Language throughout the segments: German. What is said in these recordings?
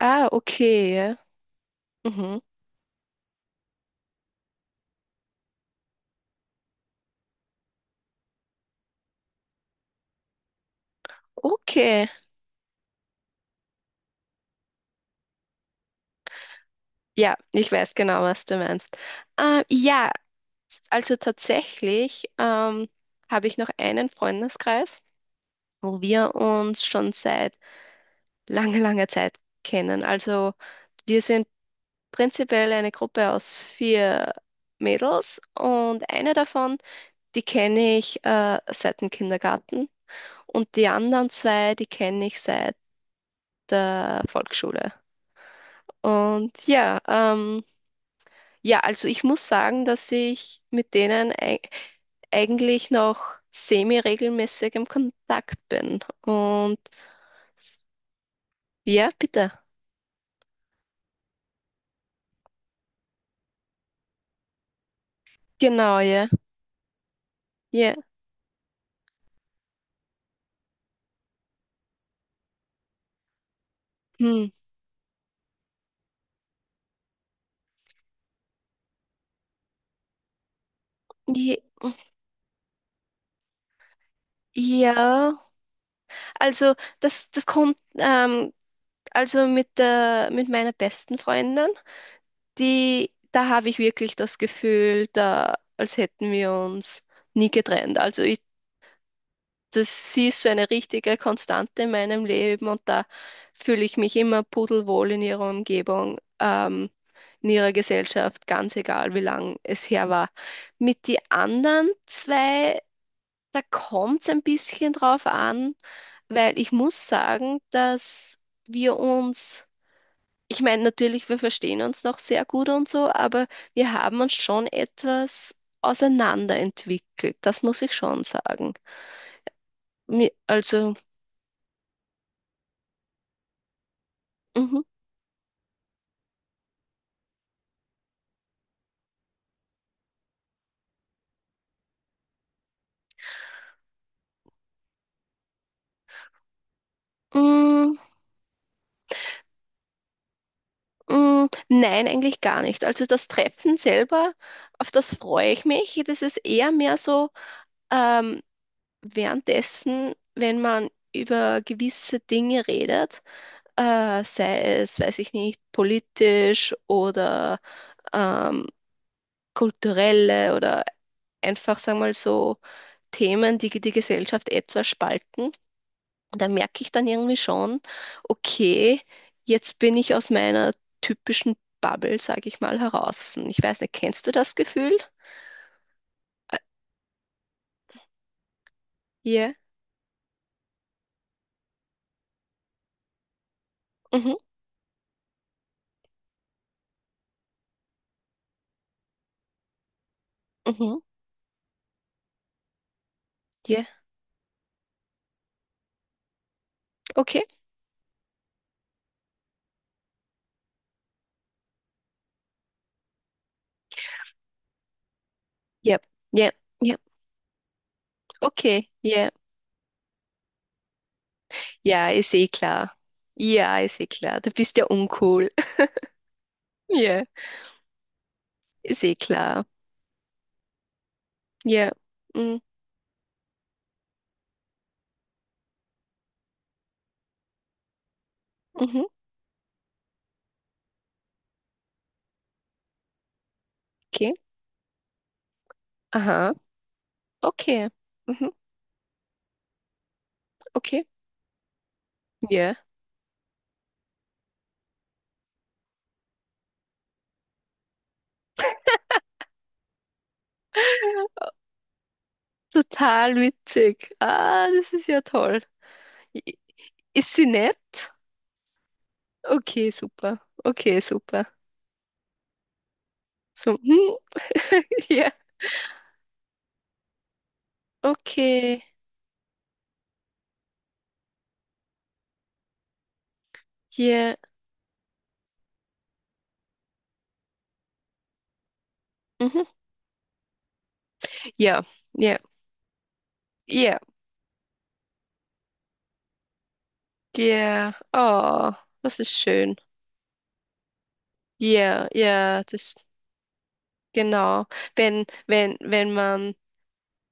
Ah, okay. Ja. Mhm. Okay. Ja, ich weiß genau, was du meinst. Ja, also tatsächlich habe ich noch einen Freundeskreis, wo wir uns schon seit langer, langer Zeit kennen. Also wir sind prinzipiell eine Gruppe aus vier Mädels und eine davon, die kenne ich seit dem Kindergarten und die anderen zwei, die kenne ich seit der Volksschule. Und ja. Ja, also ich muss sagen, dass ich mit denen eigentlich noch semi-regelmäßig im Kontakt bin. Und ja, bitte. Genau, ja. Ja. Hm. Je- Ja, also das kommt, also mit meiner besten Freundin, da habe ich wirklich das Gefühl, als hätten wir uns nie getrennt. Also das ist so eine richtige Konstante in meinem Leben und da fühle ich mich immer pudelwohl in ihrer Umgebung, in ihrer Gesellschaft, ganz egal, wie lang es her war. Mit die anderen zwei, da kommt es ein bisschen drauf an, weil ich muss sagen, dass wir uns, ich meine, natürlich, wir verstehen uns noch sehr gut und so, aber wir haben uns schon etwas auseinanderentwickelt, das muss ich schon sagen. Also, mhm. Mm, mm, nein, eigentlich gar nicht. Also das Treffen selber, auf das freue ich mich. Das ist eher mehr so ähm, währenddessen, wenn man über gewisse Dinge redet, sei es, weiß ich nicht, politisch oder ähm, kulturelle oder einfach, sagen wir mal so, Themen, die die Gesellschaft etwas spalten. Da merke ich dann irgendwie schon, okay, jetzt bin ich aus meiner typischen Bubble, sage ich mal, heraus. Ich weiß nicht, kennst du das Gefühl? Ä- Ja, mhm, mhm, ja, okay, ja, ja, ja, okay, ja, ja, ist eh klar. Ja, ist eh klar, du bist ja uncool. Ja, ist eh klar. Ja, mm, mhm, okay, aha, okay, mhm, okay, ja. Total witzig. Ah, das ist ja toll. Ist sie nett? Okay, super. Okay, super. So, hm. Ja, okay. Ja, mhm. Ja, ja, ja, ja. Oh, das ist schön. Ja, ja, das genau. Wenn, wenn, wenn man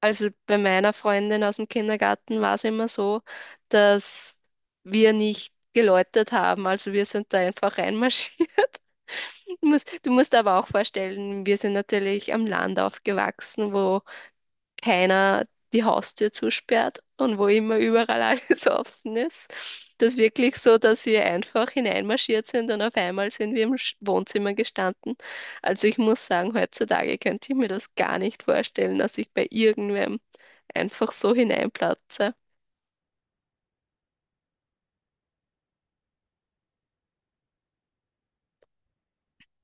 Also bei meiner Freundin aus dem Kindergarten war es immer so, dass wir nicht geläutet haben. Also wir sind da einfach reinmarschiert. Du musst aber auch vorstellen, wir sind natürlich am Land aufgewachsen, wo keiner die Haustür zusperrt und wo immer überall alles offen ist. Das ist wirklich so, dass wir einfach hineinmarschiert sind und auf einmal sind wir im Wohnzimmer gestanden. Also ich muss sagen, heutzutage könnte ich mir das gar nicht vorstellen, dass ich bei irgendwem einfach so hineinplatze.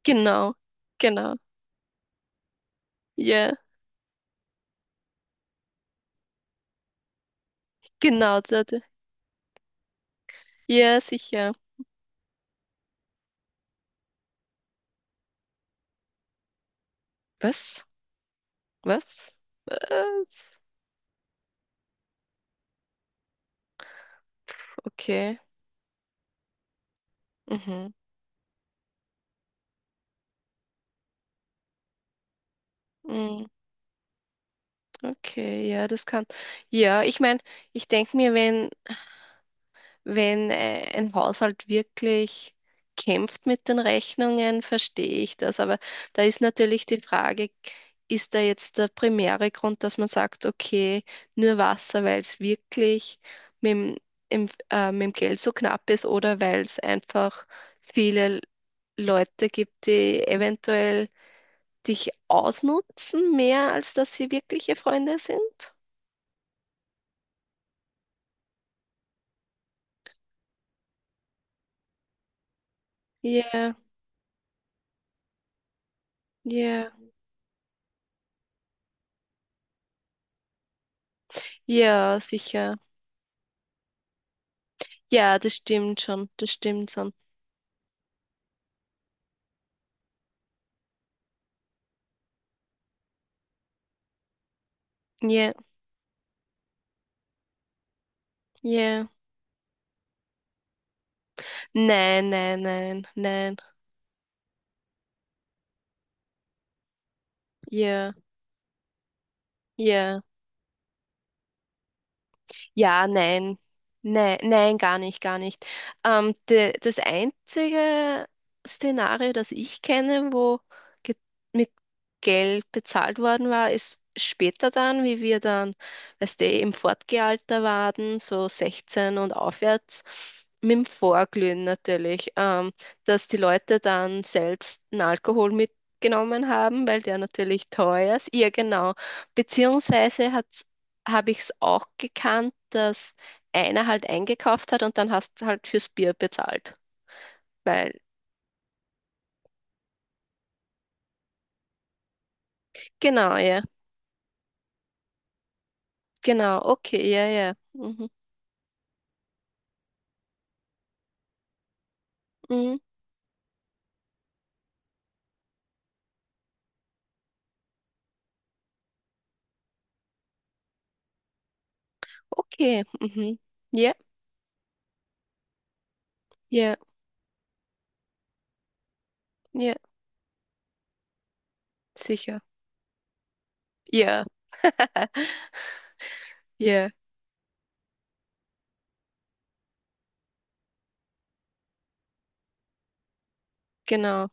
Genau, genau, ja, genau, ja, sicher. Was? Was? Was? Okay. Mhm. Mm. Okay, ja, das kann. Ja, ich meine, ich denke mir, wenn, wenn ein Haushalt wirklich kämpft mit den Rechnungen, verstehe ich das. Aber da ist natürlich die Frage, ist da jetzt der primäre Grund, dass man sagt, okay, nur Wasser, weil es wirklich mit dem, mit dem Geld so knapp ist oder weil es einfach viele Leute gibt, die eventuell dich ausnutzen, mehr als dass sie wirkliche Freunde sind? Ja. Ja, ja, sicher. Ja, das stimmt schon. Das stimmt schon. Ja, ja. Nein, nein, nein, nein. Ja, ja. Ja, nein. Nein, nein, gar nicht, gar nicht. Das einzige Szenario, das ich kenne, wo ge mit Geld bezahlt worden war, ist später dann, wie wir dann, weißt du, im Fortgealter waren, so 16 und aufwärts, mit dem Vorglühen natürlich, dass die Leute dann selbst einen Alkohol mitgenommen haben, weil der natürlich teuer ist. Ja, genau. Beziehungsweise hat habe ich es auch gekannt, dass einer halt eingekauft hat und dann hast du halt fürs Bier bezahlt. Weil, genau, ja, genau, okay, ja, ja. Mhm, mhm, okay, mhm. Ja, ja, ja, sicher. Ja, ja, genau.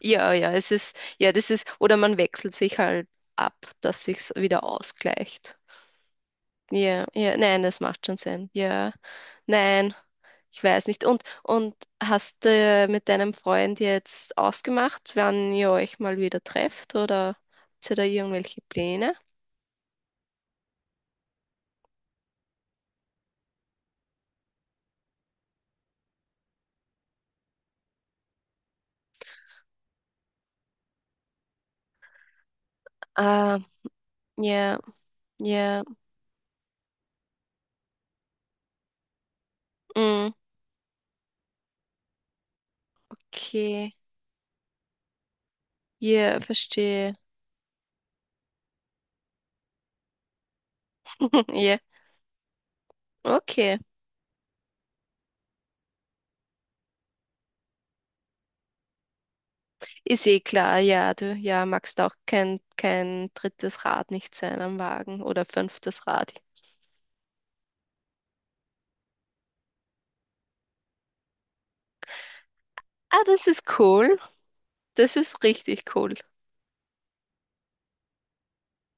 Ja, ja, es ist, ja, das ist, oder man wechselt sich halt ab, dass sich's wieder ausgleicht. Ja, ja, nein, das macht schon Sinn. Ja, nein. Ich weiß nicht. Und hast du mit deinem Freund jetzt ausgemacht, wann ihr euch mal wieder trefft oder habt ihr da irgendwelche Pläne? Ah, ja, ja, mm, okay. Ja, verstehe. Ja, okay. Ist eh klar, ja, du ja, magst auch kein drittes Rad nicht sein am Wagen oder fünftes Rad. Ah, das ist cool. Das ist richtig cool.